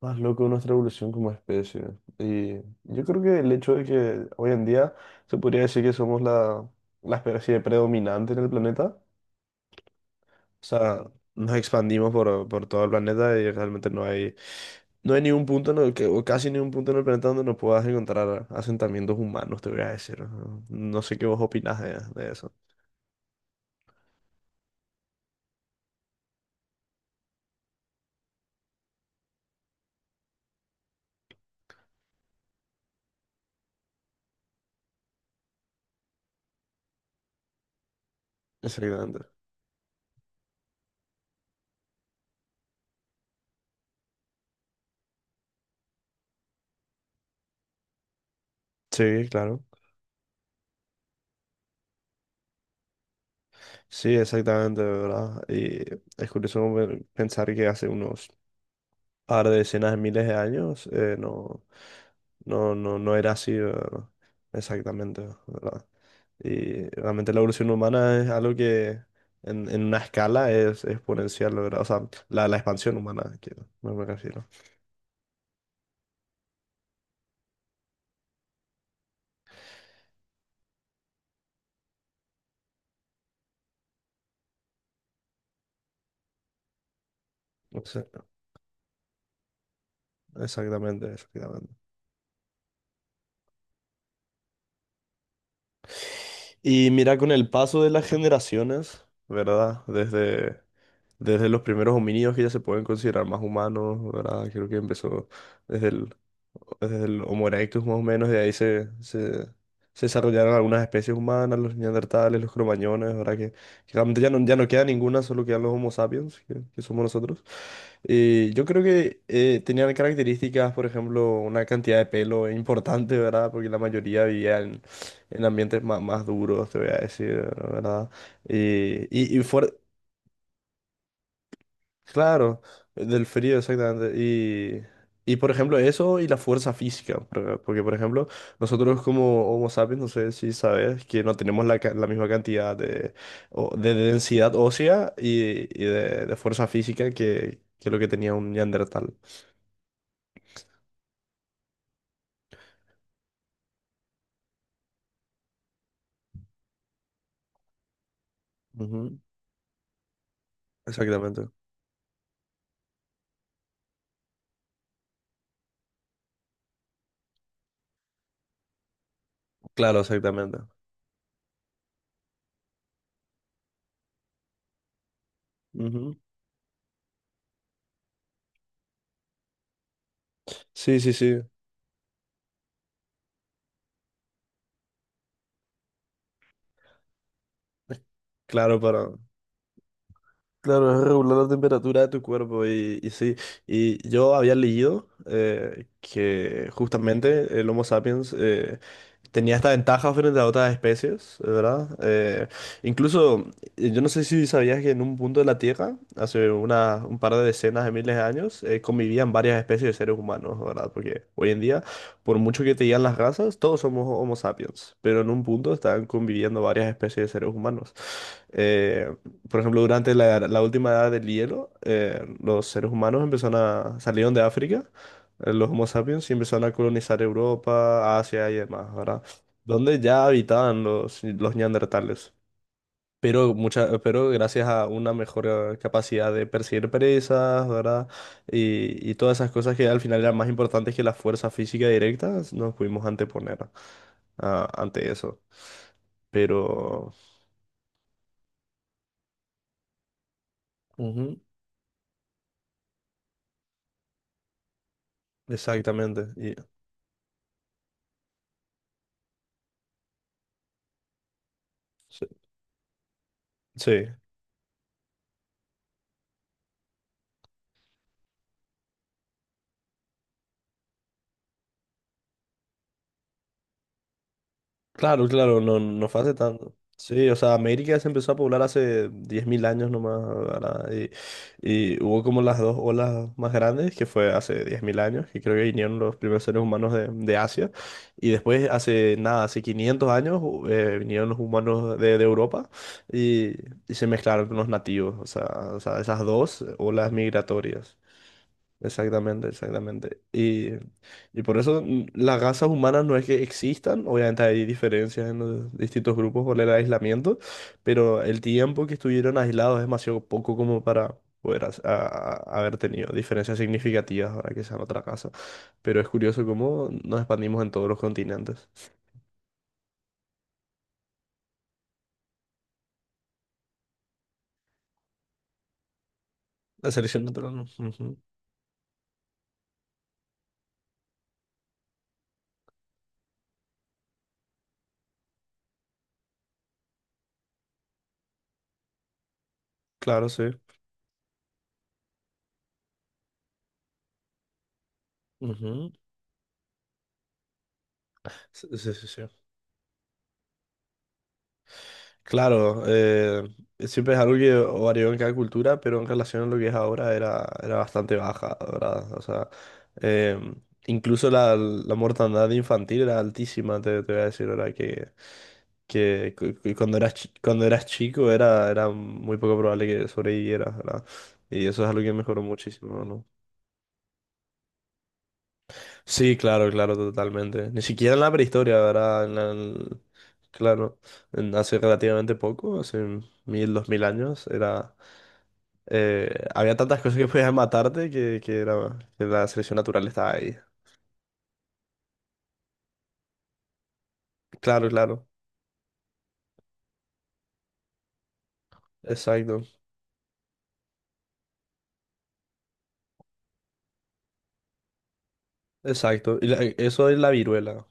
Más loco de nuestra evolución como especie. Y yo creo que el hecho de que hoy en día se podría decir que somos la especie predominante en el planeta, o sea, nos expandimos por todo el planeta y realmente no hay ningún punto en el que, o casi ningún punto en el planeta donde no puedas encontrar asentamientos humanos, te voy a decir. No, no sé qué vos opinás de eso. Exactamente. Sí, claro. Sí, exactamente, ¿verdad? Y es curioso pensar que hace unos ahora, de decenas de miles de años, no era así, ¿verdad? Exactamente, ¿verdad? Y realmente la evolución humana es algo que en una escala es exponencial, ¿verdad? O sea, la expansión humana, quiero, me refiero. O sea, exactamente, exactamente. Y mira, con el paso de las generaciones, ¿verdad? Desde los primeros homínidos que ya se pueden considerar más humanos, ¿verdad? Creo que empezó desde el, desde el Homo erectus más o menos, de ahí se desarrollaron algunas especies humanas, los neandertales, los cromañones, ¿verdad? Que realmente ya no queda ninguna, solo quedan los Homo sapiens, que somos nosotros. Yo creo que tenían características, por ejemplo, una cantidad de pelo importante, ¿verdad? Porque la mayoría vivía en ambientes más duros, te voy a decir, ¿verdad? Eh, y, y fuer- claro, del frío, exactamente. Y, por ejemplo, eso y la fuerza física, ¿verdad? Porque, por ejemplo, nosotros como Homo sapiens, no sé si sabes, que no tenemos la misma cantidad de densidad ósea y, de fuerza física que lo que tenía un Neandertal. Exactamente. Claro, exactamente. Ujú. Sí, sí, sí. Claro, para, Claro, es regular la temperatura de tu cuerpo y sí, y yo había leído que justamente el Homo sapiens tenía esta ventaja frente a otras especies, ¿verdad? Incluso, yo no sé si sabías que en un punto de la Tierra, hace un par de decenas de miles de años, convivían varias especies de seres humanos, ¿verdad? Porque hoy en día, por mucho que te digan las razas, todos somos Homo sapiens, pero en un punto estaban conviviendo varias especies de seres humanos. Eh, por ejemplo, durante la última edad del hielo, los seres humanos empezaron salieron de África, los Homo sapiens, y empezaron a colonizar Europa, Asia y demás, ¿verdad? Donde ya habitaban los neandertales. Pero gracias a una mejor capacidad de perseguir presas, ¿verdad? Y todas esas cosas que al final eran más importantes que la fuerza física directa, nos pudimos anteponer ante eso. Pero... Ujú. Exactamente. Sí. Sí. Claro, claro, no, no fue hace tanto. Sí, o sea, América se empezó a poblar hace 10.000 años nomás, ¿verdad? Y hubo como las dos olas más grandes, que fue hace 10.000 años, que creo que vinieron los primeros seres humanos de Asia. Y después, hace nada, hace 500 años, vinieron los humanos de Europa y, y se mezclaron con los nativos. O sea, esas dos olas migratorias. Exactamente, exactamente. Y por eso las razas humanas no es que existan, obviamente hay diferencias en los distintos grupos por el aislamiento, pero el tiempo que estuvieron aislados es demasiado poco como para poder haber tenido diferencias significativas ahora que sean otra casa. Pero es curioso cómo nos expandimos en todos los continentes. La selección natural, no. Ujú. Claro, sí. Ujú. Sí, sí, sí. Sí. Claro, siempre es algo que varió en cada cultura, pero en relación a lo que es ahora era bastante baja, ¿verdad? O sea, eh, incluso la mortandad infantil era altísima, te voy a decir, ¿verdad? Que cuando cuando eras chico era muy poco probable que sobrevivieras, ¿verdad? Y eso es algo que mejoró muchísimo, ¿no? Sí, claro, claro, totalmente. Ni siquiera en la prehistoria, ¿verdad? Claro, en hace relativamente poco, hace 1000, 2000 años, era... Había tantas cosas que podían matarte que la selección natural estaba ahí. Claro, claro. Exacto, exacto. Eso es la viruela.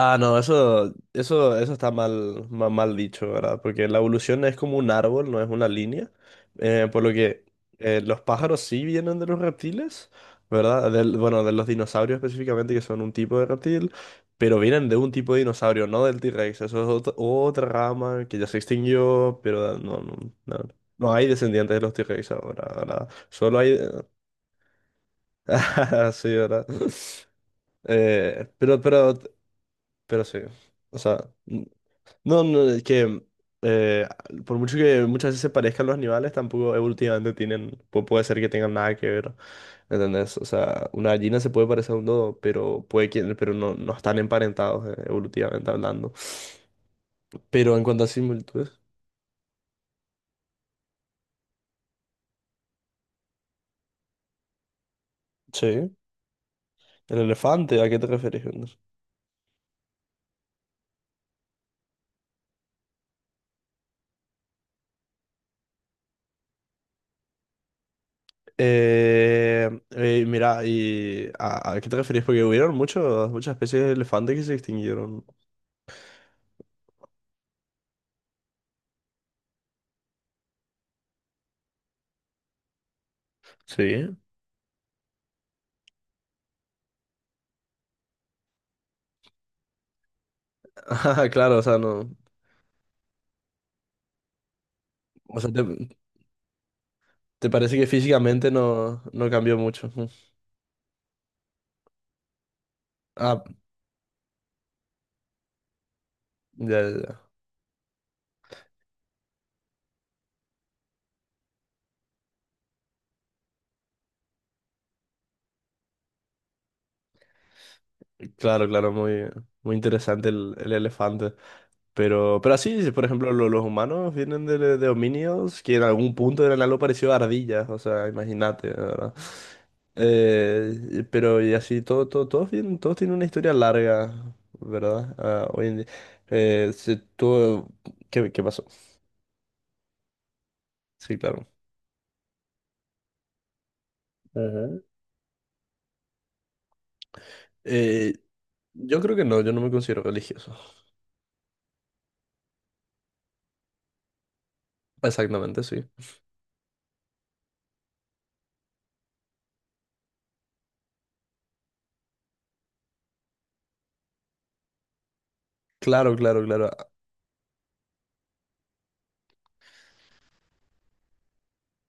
Ah, no, eso está mal, dicho, ¿verdad? Porque la evolución es como un árbol, no es una línea. Por lo que los pájaros sí vienen de los reptiles, ¿verdad? Bueno, de los dinosaurios específicamente, que son un tipo de reptil, pero vienen de un tipo de dinosaurio, no del T-Rex. Eso es otra rama que ya se extinguió, pero no, no hay descendientes de los T-Rex ahora, ¿verdad? Solo hay... Ah, sí, ¿verdad? Eh, pero, pero, pero sí. O sea. No, no, es que eh, por mucho que muchas veces se parezcan los animales, tampoco evolutivamente puede ser que tengan nada que ver, ¿entendés? O sea, una gallina se puede parecer a un dodo, pero pero no están emparentados evolutivamente hablando. Pero en cuanto a similitudes, sí. El elefante, ¿a qué te referís, Jonas? Mira, y a qué te referís? Porque hubieron muchas especies de elefantes que se extinguieron. Sí. Ah, claro, o sea, no. O sea, te- ¿Te parece que físicamente no cambió mucho? Mm. Ah, ya, ya, ya. Claro, claro, muy, muy interesante el elefante. Pero así, si por ejemplo, los humanos vienen de homínidos que en algún punto eran algo parecido a ardillas, o sea, imagínate, ¿verdad? Pero y así, todos, todos tienen una historia larga, ¿verdad? Ah, hoy en día. Eh, se- todo- qué pasó? Sí, claro. Ujú. Eh, yo creo que no, yo no me considero religioso. Exactamente, sí. Claro, claro, claro.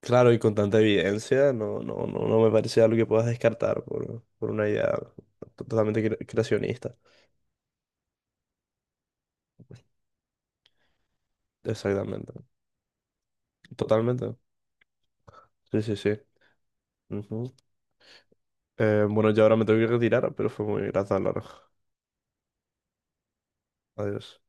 Claro, y con tanta evidencia, no me parece algo que puedas descartar por una idea totalmente creacionista. Exactamente. Totalmente. Sí, sí, sí. Ujú. Bueno, ya ahora me tengo que retirar, pero fue muy grato hablar. Adiós.